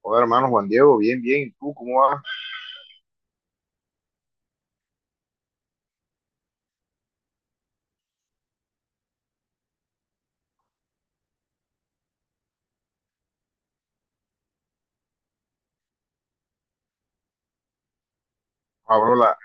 Hola, hermano Juan Diego, bien, bien. ¿Y tú cómo vas? Ah, bro, la-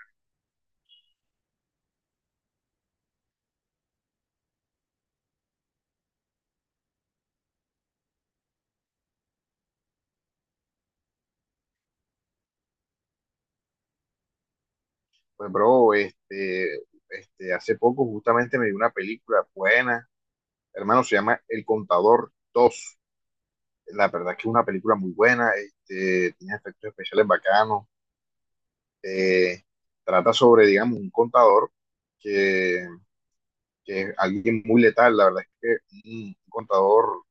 pues, bro, este, Hace poco justamente me vi una película buena, hermano. Se llama El Contador dos. La verdad que es una película muy buena, tiene efectos especiales bacanos. eh, Trata sobre, digamos, un contador que, que es alguien muy letal. La verdad es que un contador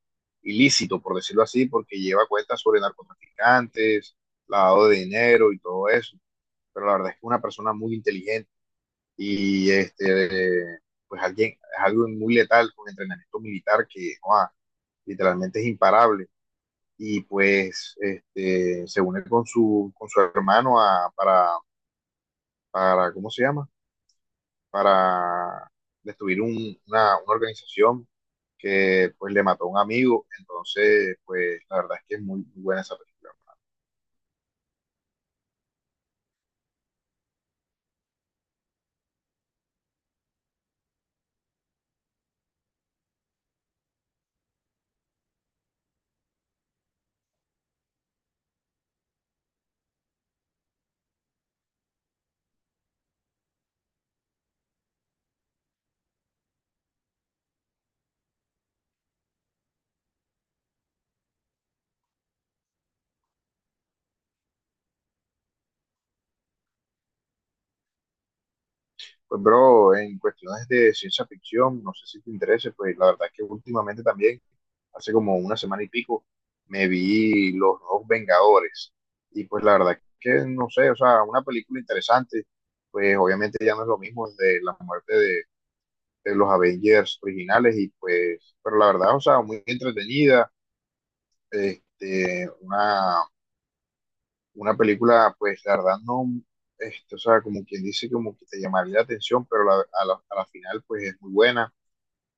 ilícito, por decirlo así, porque lleva cuentas sobre narcotraficantes, lavado de dinero y todo eso. Pero la verdad es que es una persona muy inteligente y es algo muy letal con entrenamiento militar que, wow, literalmente es imparable. Y pues se une con su hermano ¿cómo se llama? Para destruir una organización que pues le mató a un amigo. Entonces, pues la verdad es que es muy, muy buena esa película. Pues, bro, en cuestiones de ciencia ficción, no sé si te interese, pues la verdad es que últimamente también, hace como una semana y pico, me vi Los Nuevos Vengadores. Y pues la verdad es que, no sé, o sea, una película interesante. Pues obviamente ya no es lo mismo de la muerte de los Avengers originales, y pues, pero la verdad, o sea, muy entretenida. Este, una, una película, pues la verdad no, o sea, como quien dice, como que te llamaría la atención, pero a la final, pues es muy buena.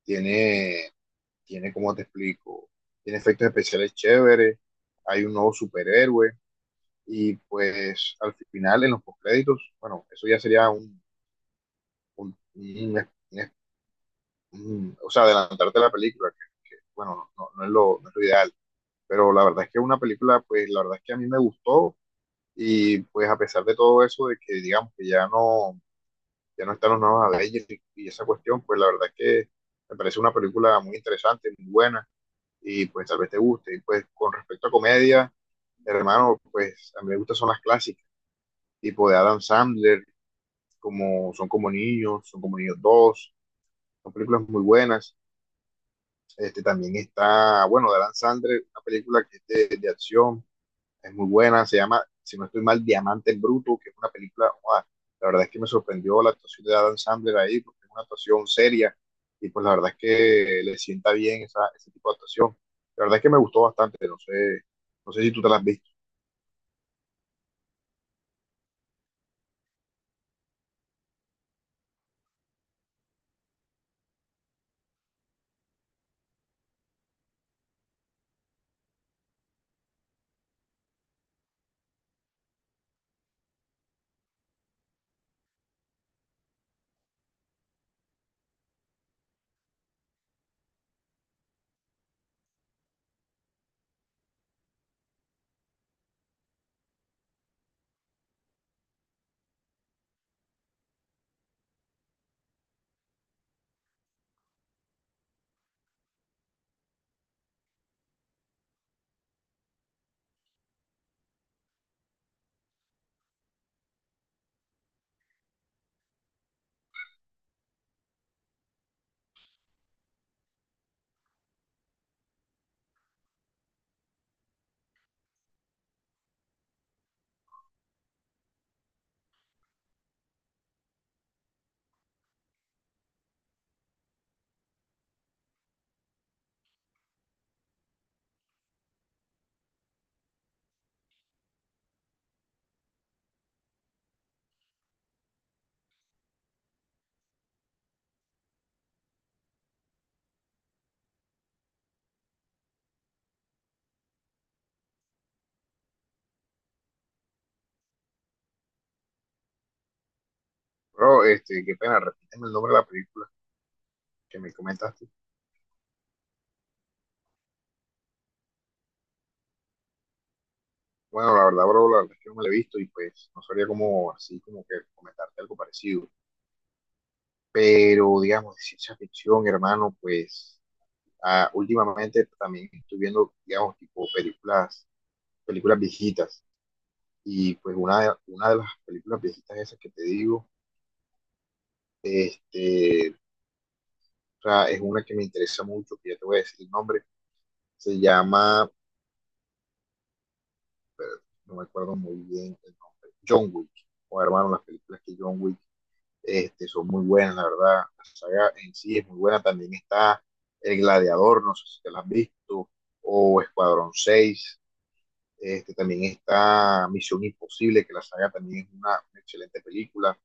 Tiene, tiene, como te explico? Tiene efectos especiales chéveres, hay un nuevo superhéroe, y pues al final, en los postcréditos, bueno, eso ya sería un- un- un- o sea, adelantarte a la película, bueno, no, no es lo ideal, pero la verdad es que una película, pues la verdad es que a mí me gustó. Y pues, a pesar de todo eso, de que digamos que ya no están los nuevos Avengers y esa cuestión, pues la verdad es que me parece una película muy interesante, muy buena, y pues tal vez te guste. Y pues, con respecto a comedia, hermano, pues a mí me gustan son las clásicas, tipo de Adam Sandler, como Son como niños dos. Son películas muy buenas. También está, bueno, de Adam Sandler, una película que es de acción, es muy buena. Se llama, si no estoy mal, Diamante en Bruto, que es una película, wow, la verdad es que me sorprendió la actuación de Adam Sandler ahí, porque es una actuación seria, y pues la verdad es que le sienta bien esa, ese tipo de actuación. La verdad es que me gustó bastante. No sé si tú te la has visto, pero qué pena, repíteme el nombre de la película que me comentaste. Bueno, la verdad, bro, la verdad es que no me la he visto y pues no sabría como así como que comentarte algo parecido. Pero digamos, de ciencia ficción, hermano, pues, ah, últimamente también estoy viendo, digamos, tipo películas, viejitas. Y pues una de las películas viejitas esas que te digo, este, o sea, es una que me interesa mucho, que ya te voy a decir el nombre. Se llama, pero no me acuerdo muy bien el nombre, John Wick. O, hermano, las películas que John Wick, son muy buenas, la verdad. La saga en sí es muy buena. También está El Gladiador, no sé si te la has visto, o Escuadrón seis. También está Misión Imposible, que la saga también es una excelente película.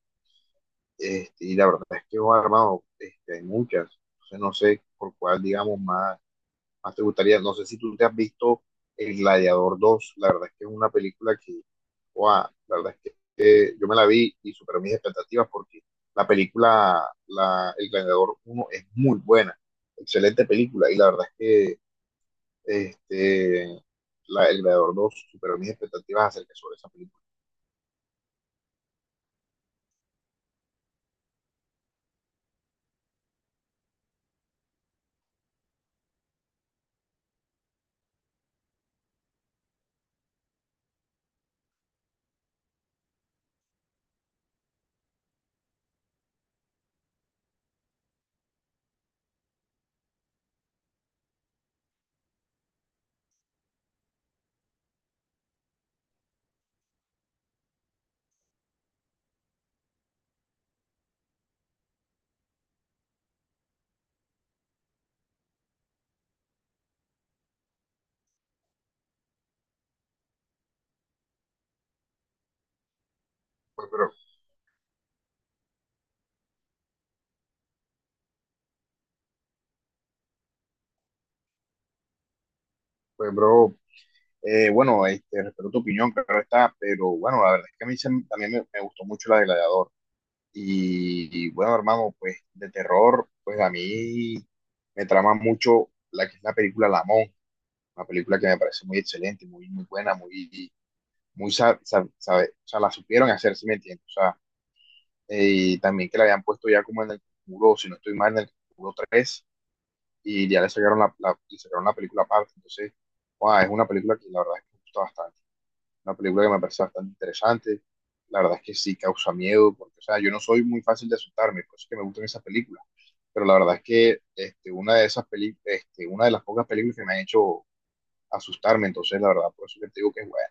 Y la verdad es que, oh, hermano, hay muchas. Entonces, no sé por cuál, digamos, más te gustaría. No sé si tú te has visto El Gladiador dos. La verdad es que es una película que, wow, la verdad es que yo me la vi y superó mis expectativas, porque la película El Gladiador uno es muy buena, excelente película, y la verdad es que este, el Gladiador dos superó mis expectativas acerca sobre esa película. Pues, pero, pues, bro, bueno, respeto tu opinión, claro está, pero bueno, la verdad es que a mí también me gustó mucho la de Gladiador. Bueno, hermano, pues de terror, pues a mí me trama mucho la que es la película La Monja, una película que me parece muy excelente, muy, muy buena, muy, muy, sa- sa- sabe- o sea, la supieron hacer, si me entiendes. O sea, y también que la habían puesto ya como en el muro, si no estoy mal, en el muro tres, y ya le sacaron le sacaron la película aparte. Entonces, guau, es una película que la verdad es que me gusta bastante. Una película que me parece bastante interesante. La verdad es que sí causa miedo, porque, o sea, yo no soy muy fácil de asustarme, por eso es que me gustan esas películas. Pero la verdad es que este, una de esas peli este, una de las pocas películas que me han hecho asustarme. Entonces, la verdad, por eso que te digo que es buena.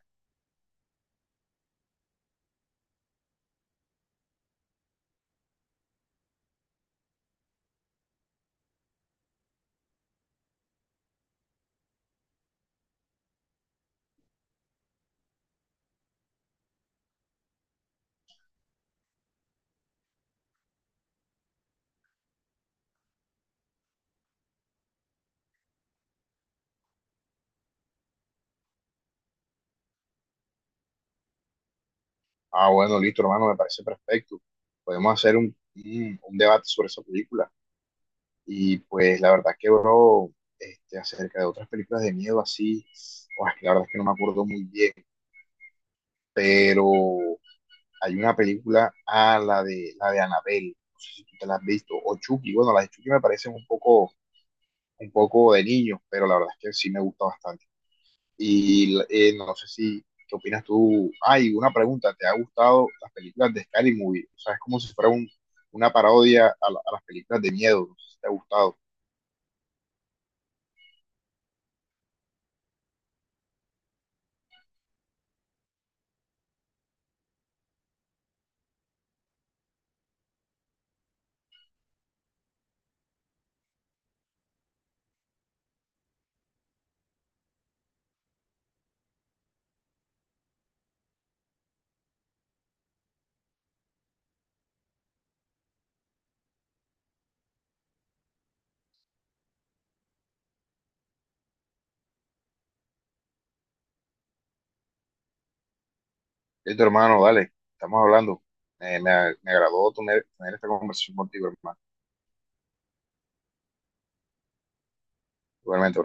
Ah, bueno, listo, hermano, me parece perfecto. Podemos hacer un debate sobre esa película. Y pues la verdad que, bro, acerca de otras películas de miedo así, pues, la verdad es que no me acuerdo muy bien, pero hay una película, ah, la de Annabelle. No sé si tú te la has visto, o Chucky, bueno, las de Chucky me parecen un poco de niños, pero la verdad es que sí me gusta bastante. Y no sé si, ¿qué opinas tú? Ay, una pregunta, ¿te ha gustado las películas de Scary Movie? O sea, es como si fuera una parodia a las películas de miedo, no sé si te ha gustado. Listo, hermano, dale, estamos hablando. Me agradó tener esta conversación contigo, hermano. Igualmente,